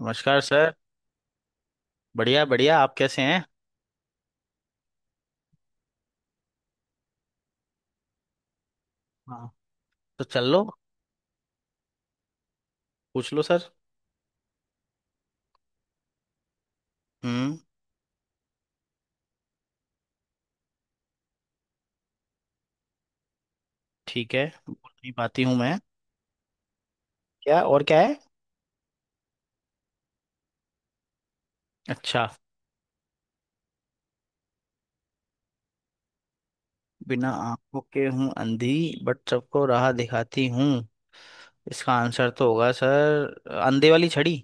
नमस्कार सर। बढ़िया बढ़िया आप कैसे हैं? हाँ, तो चल लो पूछ लो सर। हम्म। ठीक है, बोल नहीं पाती हूँ मैं। क्या और क्या है? अच्छा। बिना आंखों के हूँ अंधी बट सबको राह दिखाती हूँ। इसका आंसर तो होगा सर अंधे वाली छड़ी।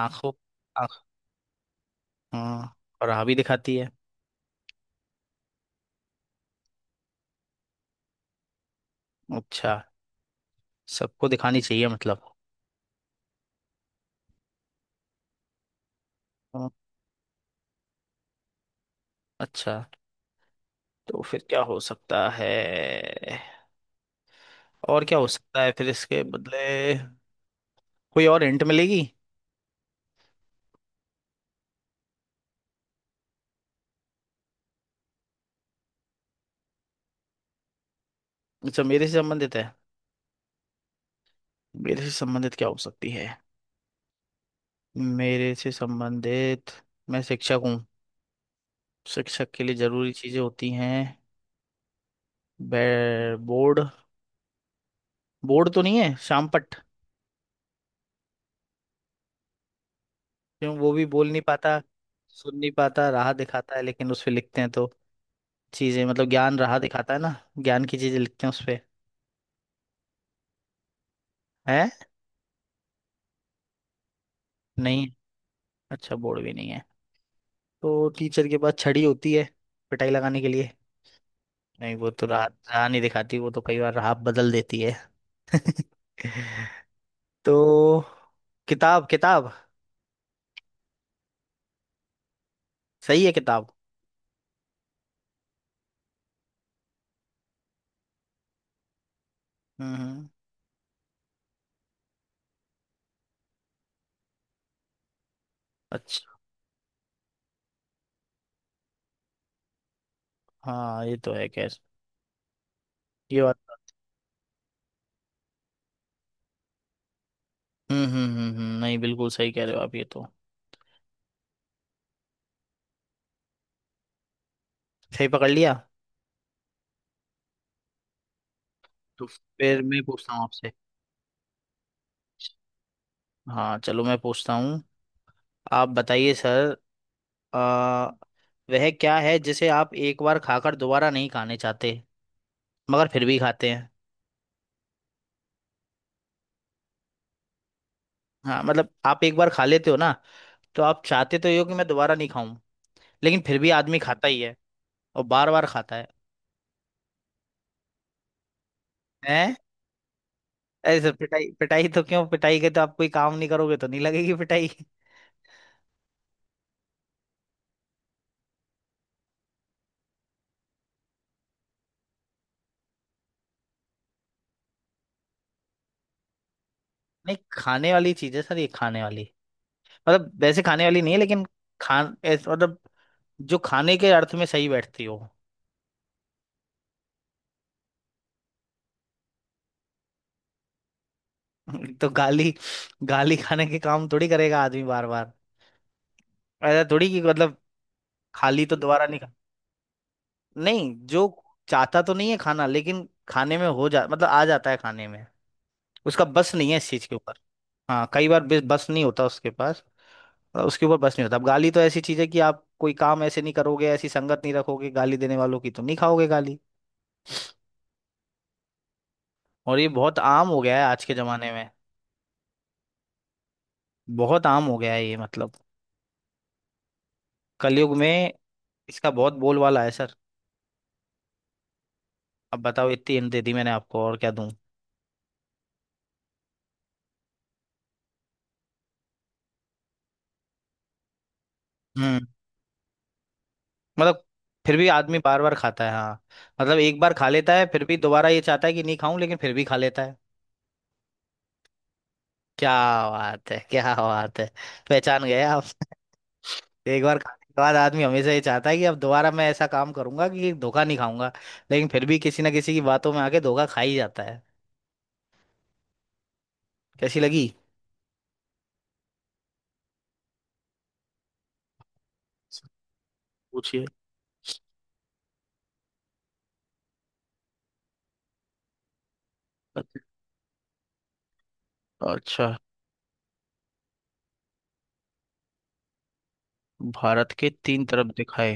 आंखों आंख। हाँ और राह भी दिखाती है। अच्छा सबको दिखानी चाहिए मतलब। हाँ, अच्छा। तो फिर क्या हो सकता है? और क्या हो सकता है फिर इसके बदले? कोई और हिंट मिलेगी? अच्छा मेरे से संबंधित है। मेरे से संबंधित क्या हो सकती है? मेरे से संबंधित मैं शिक्षक हूँ। शिक्षक के लिए जरूरी चीजें होती हैं। बोर्ड। बोर्ड तो नहीं है शामपट। क्यों वो भी बोल नहीं पाता, सुन नहीं पाता, राह दिखाता है लेकिन उस पे लिखते हैं तो चीजें मतलब ज्ञान, राह दिखाता है ना, ज्ञान की चीजें लिखते हैं उस पे। है। नहीं, अच्छा बोर्ड भी नहीं है। तो टीचर के पास छड़ी होती है पिटाई लगाने के लिए। नहीं वो तो राह, राह नहीं दिखाती, वो तो कई बार राह बदल देती है। तो किताब किताब। सही है किताब। हम्म हम्म। अच्छा। हाँ ये तो है खैर। ये बात। नहीं बिल्कुल सही कह रहे हो आप ये तो। सही पकड़ लिया। तो फिर मैं पूछता हूँ आपसे। हाँ चलो मैं पूछता हूँ। आप बताइए सर। आ, वह क्या है जिसे आप एक बार खाकर दोबारा नहीं खाने चाहते मगर फिर भी खाते हैं? हाँ मतलब आप एक बार खा लेते हो ना, तो आप चाहते तो ये हो कि मैं दोबारा नहीं खाऊं, लेकिन फिर भी आदमी खाता ही है और बार बार खाता है। हैं? ऐसे पिटाई पिटाई तो क्यों? पिटाई के तो आप कोई काम नहीं करोगे तो नहीं लगेगी पिटाई। नहीं खाने वाली चीज है सर ये, खाने वाली मतलब वैसे खाने वाली नहीं है लेकिन मतलब जो खाने के अर्थ में सही बैठती हो। तो गाली, गाली खाने के काम थोड़ी करेगा आदमी बार बार। ऐसा थोड़ी कि मतलब खाली तो दोबारा नहीं खा, नहीं जो चाहता तो नहीं है खाना लेकिन खाने में हो जा मतलब आ जाता है खाने में। उसका बस नहीं है इस चीज के ऊपर। हाँ कई बार बस बस नहीं होता उसके पास, उसके ऊपर बस नहीं होता। अब गाली तो ऐसी चीज है कि आप कोई काम ऐसे नहीं करोगे, ऐसी संगत नहीं रखोगे गाली देने वालों की तो नहीं खाओगे गाली। और ये बहुत आम हो गया है आज के जमाने में। बहुत आम हो गया है ये मतलब कलयुग में। इसका बहुत बोलबाला है सर। अब बताओ इतनी हिंट दे दी मैंने आपको और क्या दूं? हम्म, मतलब फिर भी आदमी बार बार खाता है हाँ। मतलब एक बार खा लेता है फिर भी दोबारा ये चाहता है कि नहीं खाऊं लेकिन फिर भी खा लेता है। क्या बात है, क्या बात है। पहचान गए आप। एक बार खाने के बाद आदमी हमेशा ये चाहता है कि अब दोबारा मैं ऐसा काम करूंगा कि धोखा नहीं खाऊंगा, लेकिन फिर भी किसी ना किसी की बातों में आके धोखा खा ही जाता है। कैसी लगी? पूछिए। अच्छा। भारत के तीन तरफ दिखाए।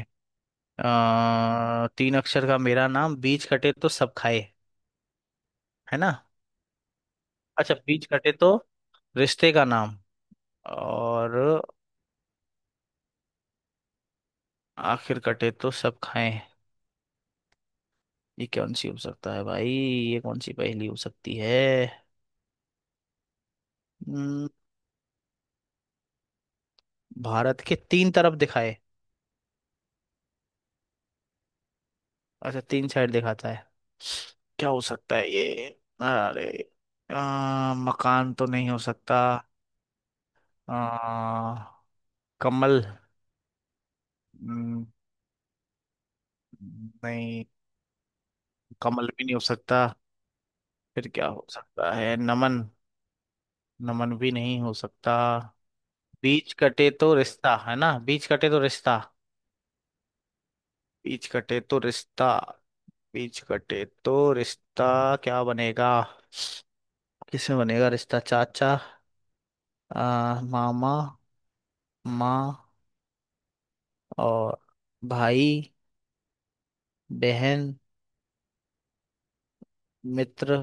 तीन अक्षर का मेरा नाम बीच कटे तो सब खाए, है ना? अच्छा, बीच कटे तो रिश्ते का नाम और आखिर कटे तो सब खाए। ये कौन सी हो सकता है भाई, ये कौन सी पहेली हो सकती है? हम्म, भारत के तीन तरफ दिखाए। अच्छा तीन साइड दिखाता है। क्या हो सकता है ये? अरे, मकान तो नहीं हो सकता। आ, कमल। हम्म, नहीं कमल भी नहीं हो सकता। फिर क्या हो सकता है? नमन? नमन भी नहीं हो सकता। बीच कटे तो रिश्ता है ना। बीच कटे तो रिश्ता। बीच कटे तो रिश्ता। बीच कटे तो रिश्ता क्या बनेगा? किसमें बनेगा रिश्ता? चाचा, मामा, माँ और भाई, बहन, मित्र।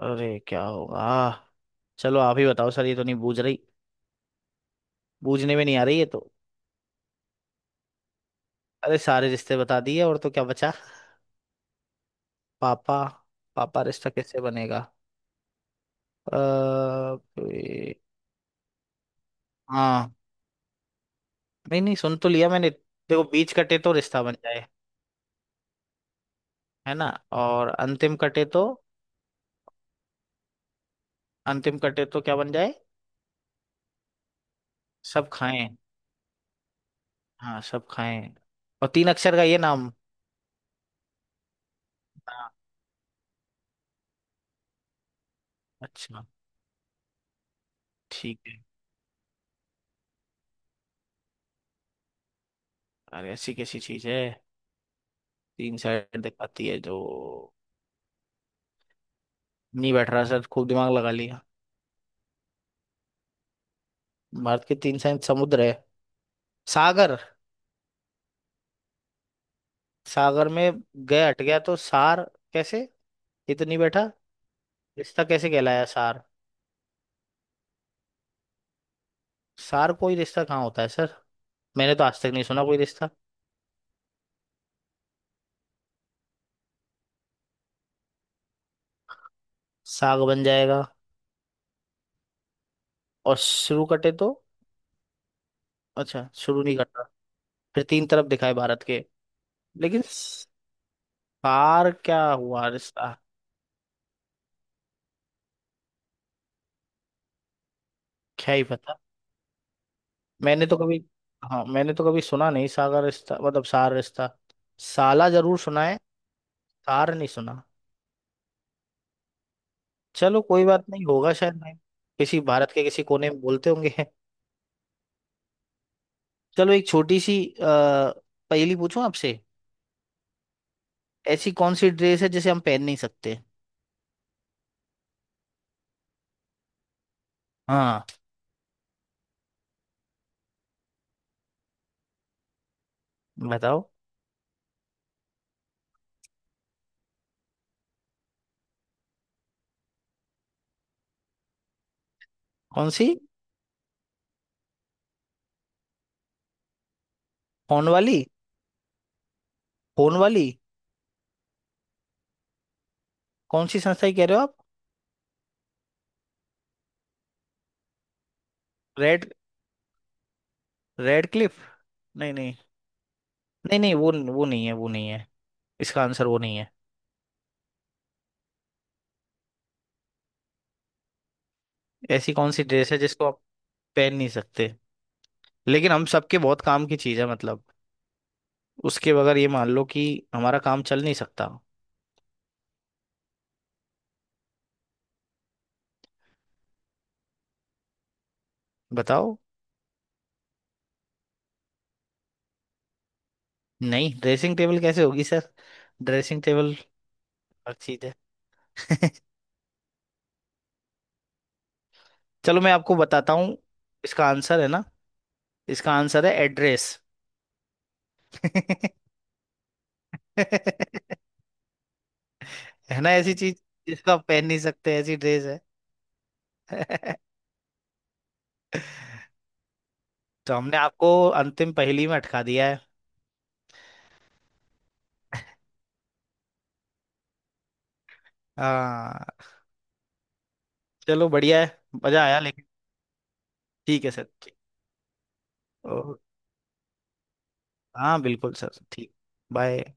अरे क्या होगा? चलो आप ही बताओ सर, ये तो नहीं बूझ रही। बूझने में नहीं आ रही है तो। अरे सारे रिश्ते बता दिए और तो क्या बचा? पापा। पापा रिश्ता कैसे बनेगा? अ, ए, हाँ, नहीं नहीं सुन तो लिया मैंने। देखो, बीच कटे तो रिश्ता बन जाए, है ना, और अंतिम कटे तो? अंतिम कटे तो क्या बन जाए? सब खाएं। हाँ सब खाएं। और तीन अक्षर का ये नाम। हाँ, अच्छा ठीक है। अरे ऐसी कैसी चीज है? तीन साइड दिखाती है जो। नहीं बैठ रहा सर, खूब दिमाग लगा लिया। भारत के तीन साइड समुद्र है, सागर। सागर में गए, हट गया तो सार। कैसे? ये तो नहीं बैठा। रिश्ता कैसे कहलाया सार? सार कोई रिश्ता कहाँ होता है सर? मैंने तो आज तक नहीं सुना कोई रिश्ता। साग बन जाएगा। और शुरू कटे तो? अच्छा शुरू नहीं कटा। फिर तीन तरफ दिखाए भारत के। लेकिन सार क्या हुआ रिश्ता? क्या ही पता। मैंने तो कभी, हाँ मैंने तो कभी सुना नहीं सागर रिश्ता मतलब सार रिश्ता। साला जरूर सुना है। सार नहीं सुना। चलो कोई बात नहीं, होगा शायद भाई किसी भारत के किसी कोने में बोलते होंगे। चलो एक छोटी सी पहेली पूछूं आपसे। ऐसी कौन सी ड्रेस है जिसे हम पहन नहीं सकते? हाँ बताओ। कौन सी? फोन वाली? फोन वाली कौन सी संस्था की कह रहे हो आप? रेड? Red cliff? नहीं नहीं। नहीं नहीं, वो नहीं है, वो नहीं है। इसका आंसर वो नहीं है। ऐसी कौन सी ड्रेस है जिसको आप पहन नहीं सकते लेकिन हम सबके बहुत काम की चीज है मतलब उसके बगैर ये मान लो कि हमारा काम चल नहीं सकता। बताओ। नहीं ड्रेसिंग टेबल कैसे होगी सर? ड्रेसिंग टेबल हर चीज है। चलो मैं आपको बताता हूँ, इसका आंसर है ना, इसका आंसर है एड्रेस। है ना, ऐसी चीज जिसको आप पहन नहीं सकते ऐसी ड्रेस है। तो हमने आपको अंतिम पहेली में अटका दिया है। हाँ चलो बढ़िया है। मजा आया लेकिन। ठीक है सर, ठीक। ओ, हाँ बिल्कुल सर, ठीक। बाय।